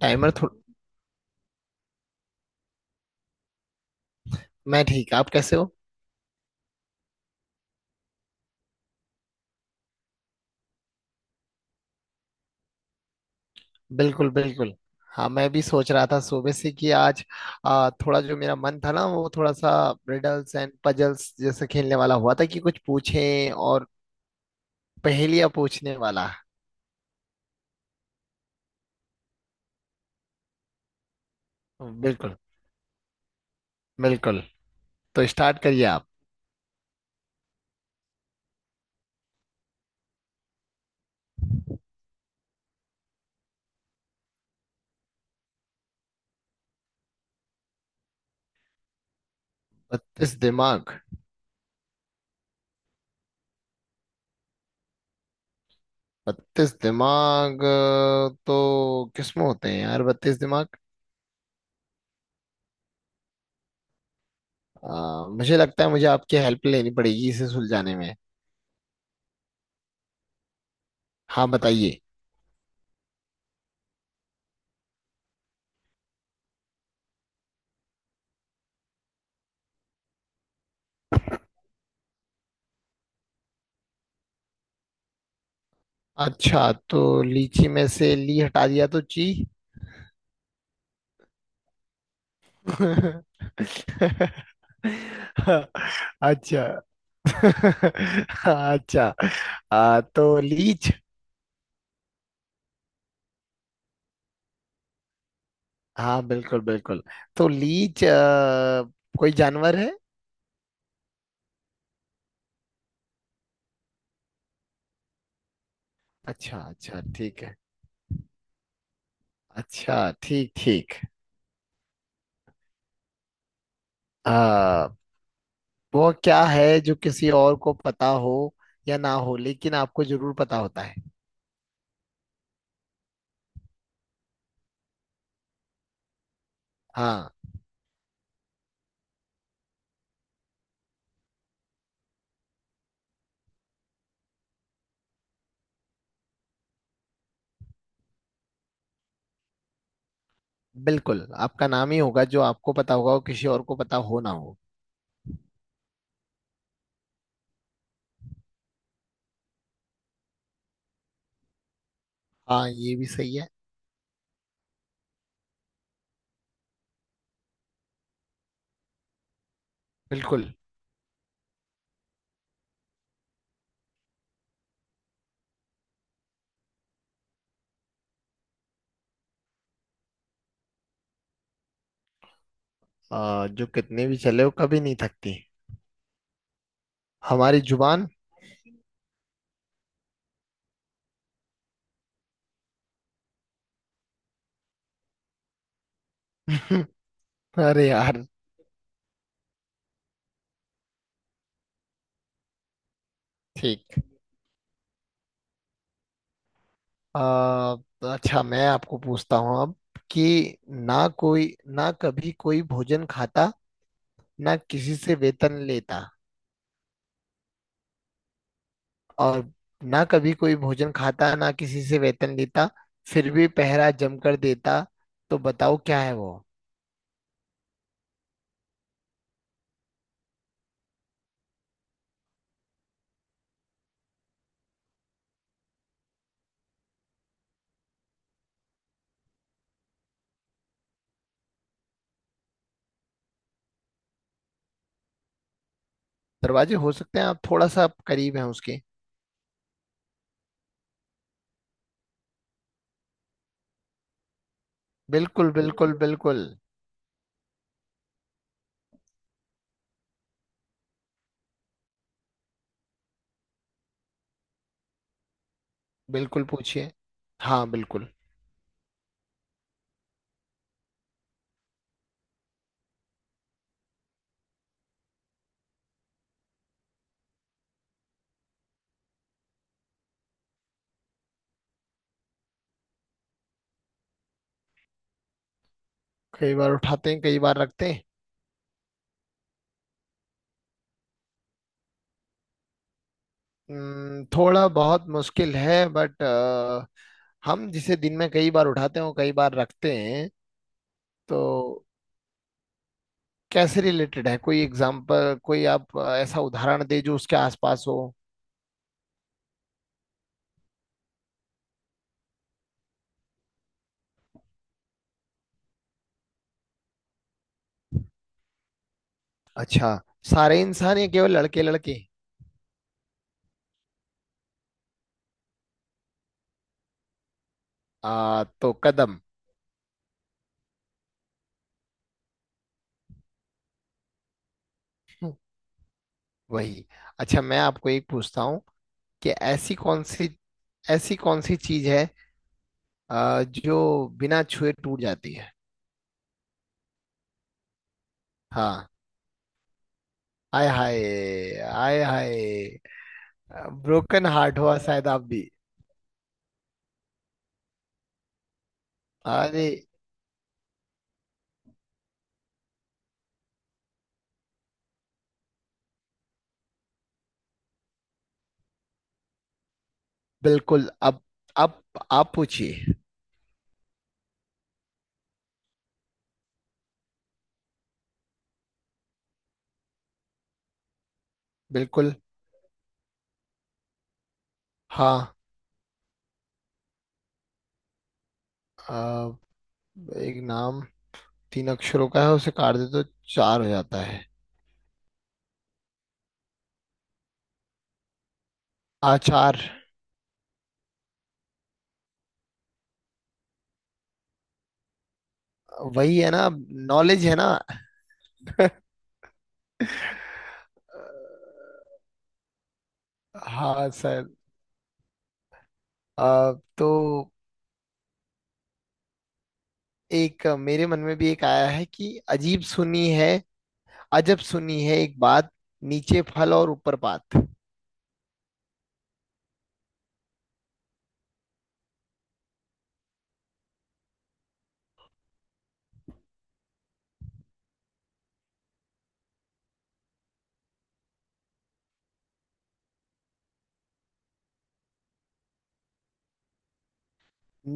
Timer थोड़ा। मैं ठीक, आप कैसे हो? बिल्कुल बिल्कुल। हाँ, मैं भी सोच रहा था सुबह से कि आज थोड़ा जो मेरा मन था ना वो थोड़ा सा रिडल्स एंड पजल्स जैसे खेलने वाला हुआ था कि कुछ पूछें और पहेलियां पूछने वाला। बिल्कुल बिल्कुल। तो स्टार्ट करिए आप। बत्तीस दिमाग? बत्तीस दिमाग, तो किसमें होते हैं यार बत्तीस दिमाग? मुझे लगता है मुझे आपकी हेल्प लेनी पड़ेगी इसे सुलझाने में। हाँ बताइए। अच्छा, तो लीची में से ली हटा दिया तो ची। अच्छा। अच्छा, तो लीच। हाँ बिल्कुल बिल्कुल। तो लीच कोई जानवर है? अच्छा अच्छा ठीक है। अच्छा ठीक ठीक। आ, वो क्या है जो किसी और को पता हो या ना हो, लेकिन आपको जरूर पता होता है? हाँ, बिल्कुल आपका नाम ही होगा जो आपको पता होगा और किसी और को पता हो ना हो। हाँ ये भी सही है। बिल्कुल। जो कितने भी चले वो कभी नहीं थकती? हमारी जुबान। अरे यार। ठीक। आ, अच्छा मैं आपको पूछता हूँ अब कि ना कोई ना कभी कोई भोजन खाता, ना किसी से वेतन लेता और ना कभी कोई भोजन खाता ना किसी से वेतन लेता, फिर भी पहरा जमकर देता। तो बताओ क्या है वो? दरवाजे हो सकते हैं, आप थोड़ा सा आप करीब हैं उसके। बिल्कुल बिल्कुल बिल्कुल। बिल्कुल पूछिए। हाँ बिल्कुल। कई बार उठाते हैं कई बार रखते हैं? थोड़ा बहुत मुश्किल है बट हम जिसे दिन में कई बार उठाते हैं और कई बार रखते हैं, तो कैसे रिलेटेड है? कोई एग्जाम्पल, कोई आप ऐसा उदाहरण दे जो उसके आसपास हो। अच्छा, सारे इंसान या केवल लड़के लड़के? तो कदम। हम्म, वही। अच्छा मैं आपको एक पूछता हूँ कि ऐसी कौन सी चीज है जो बिना छुए टूट जाती है? हाँ। आय हाय, आय हाय। ब्रोकन हार्ट हुआ शायद आप भी। अरे। बिल्कुल। अब आप पूछिए। बिल्कुल। हाँ। अ, एक नाम तीन अक्षरों का है, उसे काट दे तो चार हो जाता है? आचार। वही है ना, नॉलेज है ना। हाँ सर। अ, तो एक मेरे मन में भी एक आया है कि अजीब सुनी है। अजब सुनी है एक बात, नीचे फल और ऊपर पात।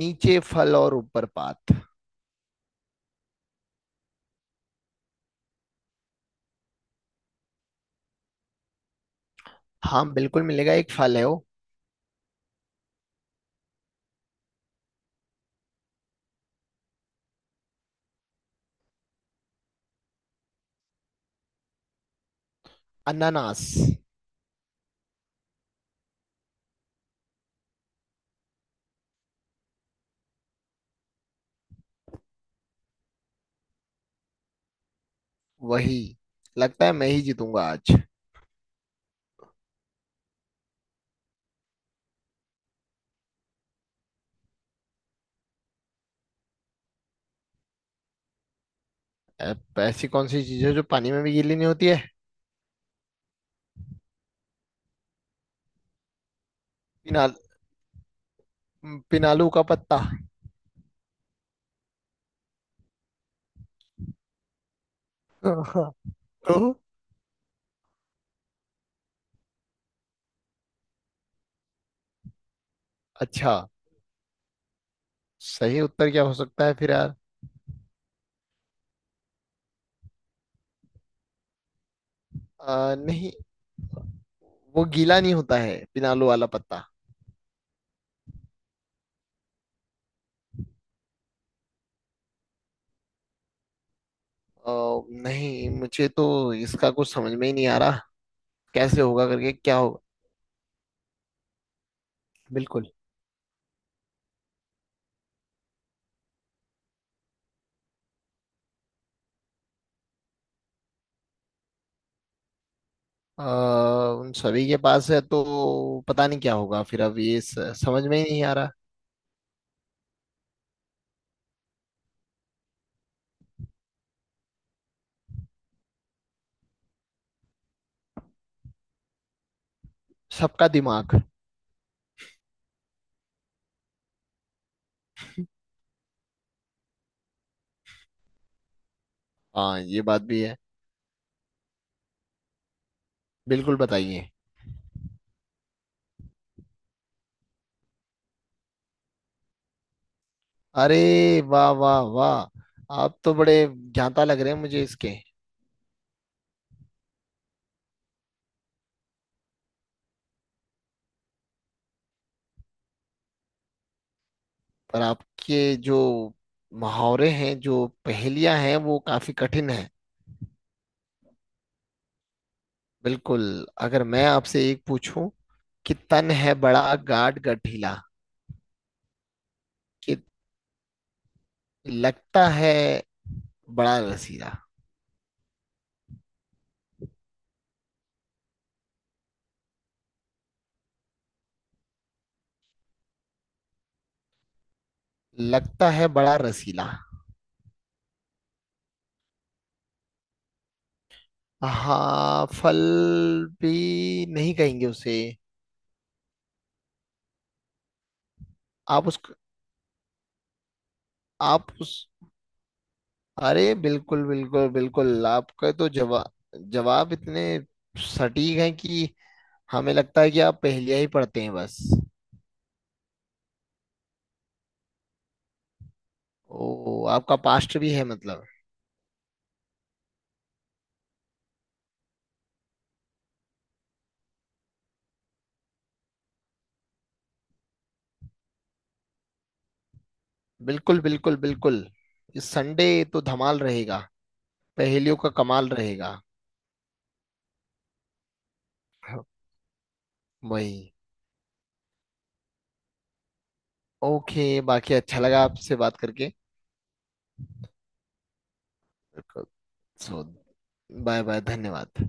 नीचे फल और ऊपर पात। हाँ बिल्कुल मिलेगा, एक फल है वो। अनानास। वही। लगता है मैं ही जीतूंगा आज। ऐ- ऐसी कौन सी चीज है जो पानी में भी गीली नहीं होती है? पिनाल पिनालू का पत्ता। तो अच्छा, सही उत्तर क्या हो सकता है फिर यार? नहीं, वो गीला नहीं होता है पिनालू वाला पत्ता। आ, नहीं मुझे तो इसका कुछ समझ में ही नहीं आ रहा, कैसे होगा करके क्या होगा। बिल्कुल। आ, उन सभी के पास है तो पता नहीं क्या होगा फिर, अब ये समझ में ही नहीं आ रहा। सबका दिमाग। हाँ ये बात भी है। बिल्कुल बताइए। अरे वाह वाह वाह, आप तो बड़े ज्ञाता लग रहे हैं मुझे इसके। पर आपके जो मुहावरे हैं जो पहेलियां हैं वो काफी कठिन हैं। बिल्कुल। अगर मैं आपसे एक पूछूं कि तन है बड़ा गाढ़ गठीला, कि लगता है बड़ा रसीला। लगता है बड़ा रसीला। हाँ फल भी नहीं कहेंगे उसे। आप उस आप उस, अरे बिल्कुल बिल्कुल बिल्कुल, आपका तो जवाब, जवाब इतने सटीक हैं कि हमें लगता है कि आप पहेलियां ही पढ़ते हैं बस। ओ, आपका पास्ट भी है मतलब। बिल्कुल बिल्कुल बिल्कुल। इस संडे तो धमाल रहेगा, पहेलियों का कमाल रहेगा। वही। ओके, बाकी अच्छा लगा आपसे बात करके। सो बाय बाय, धन्यवाद।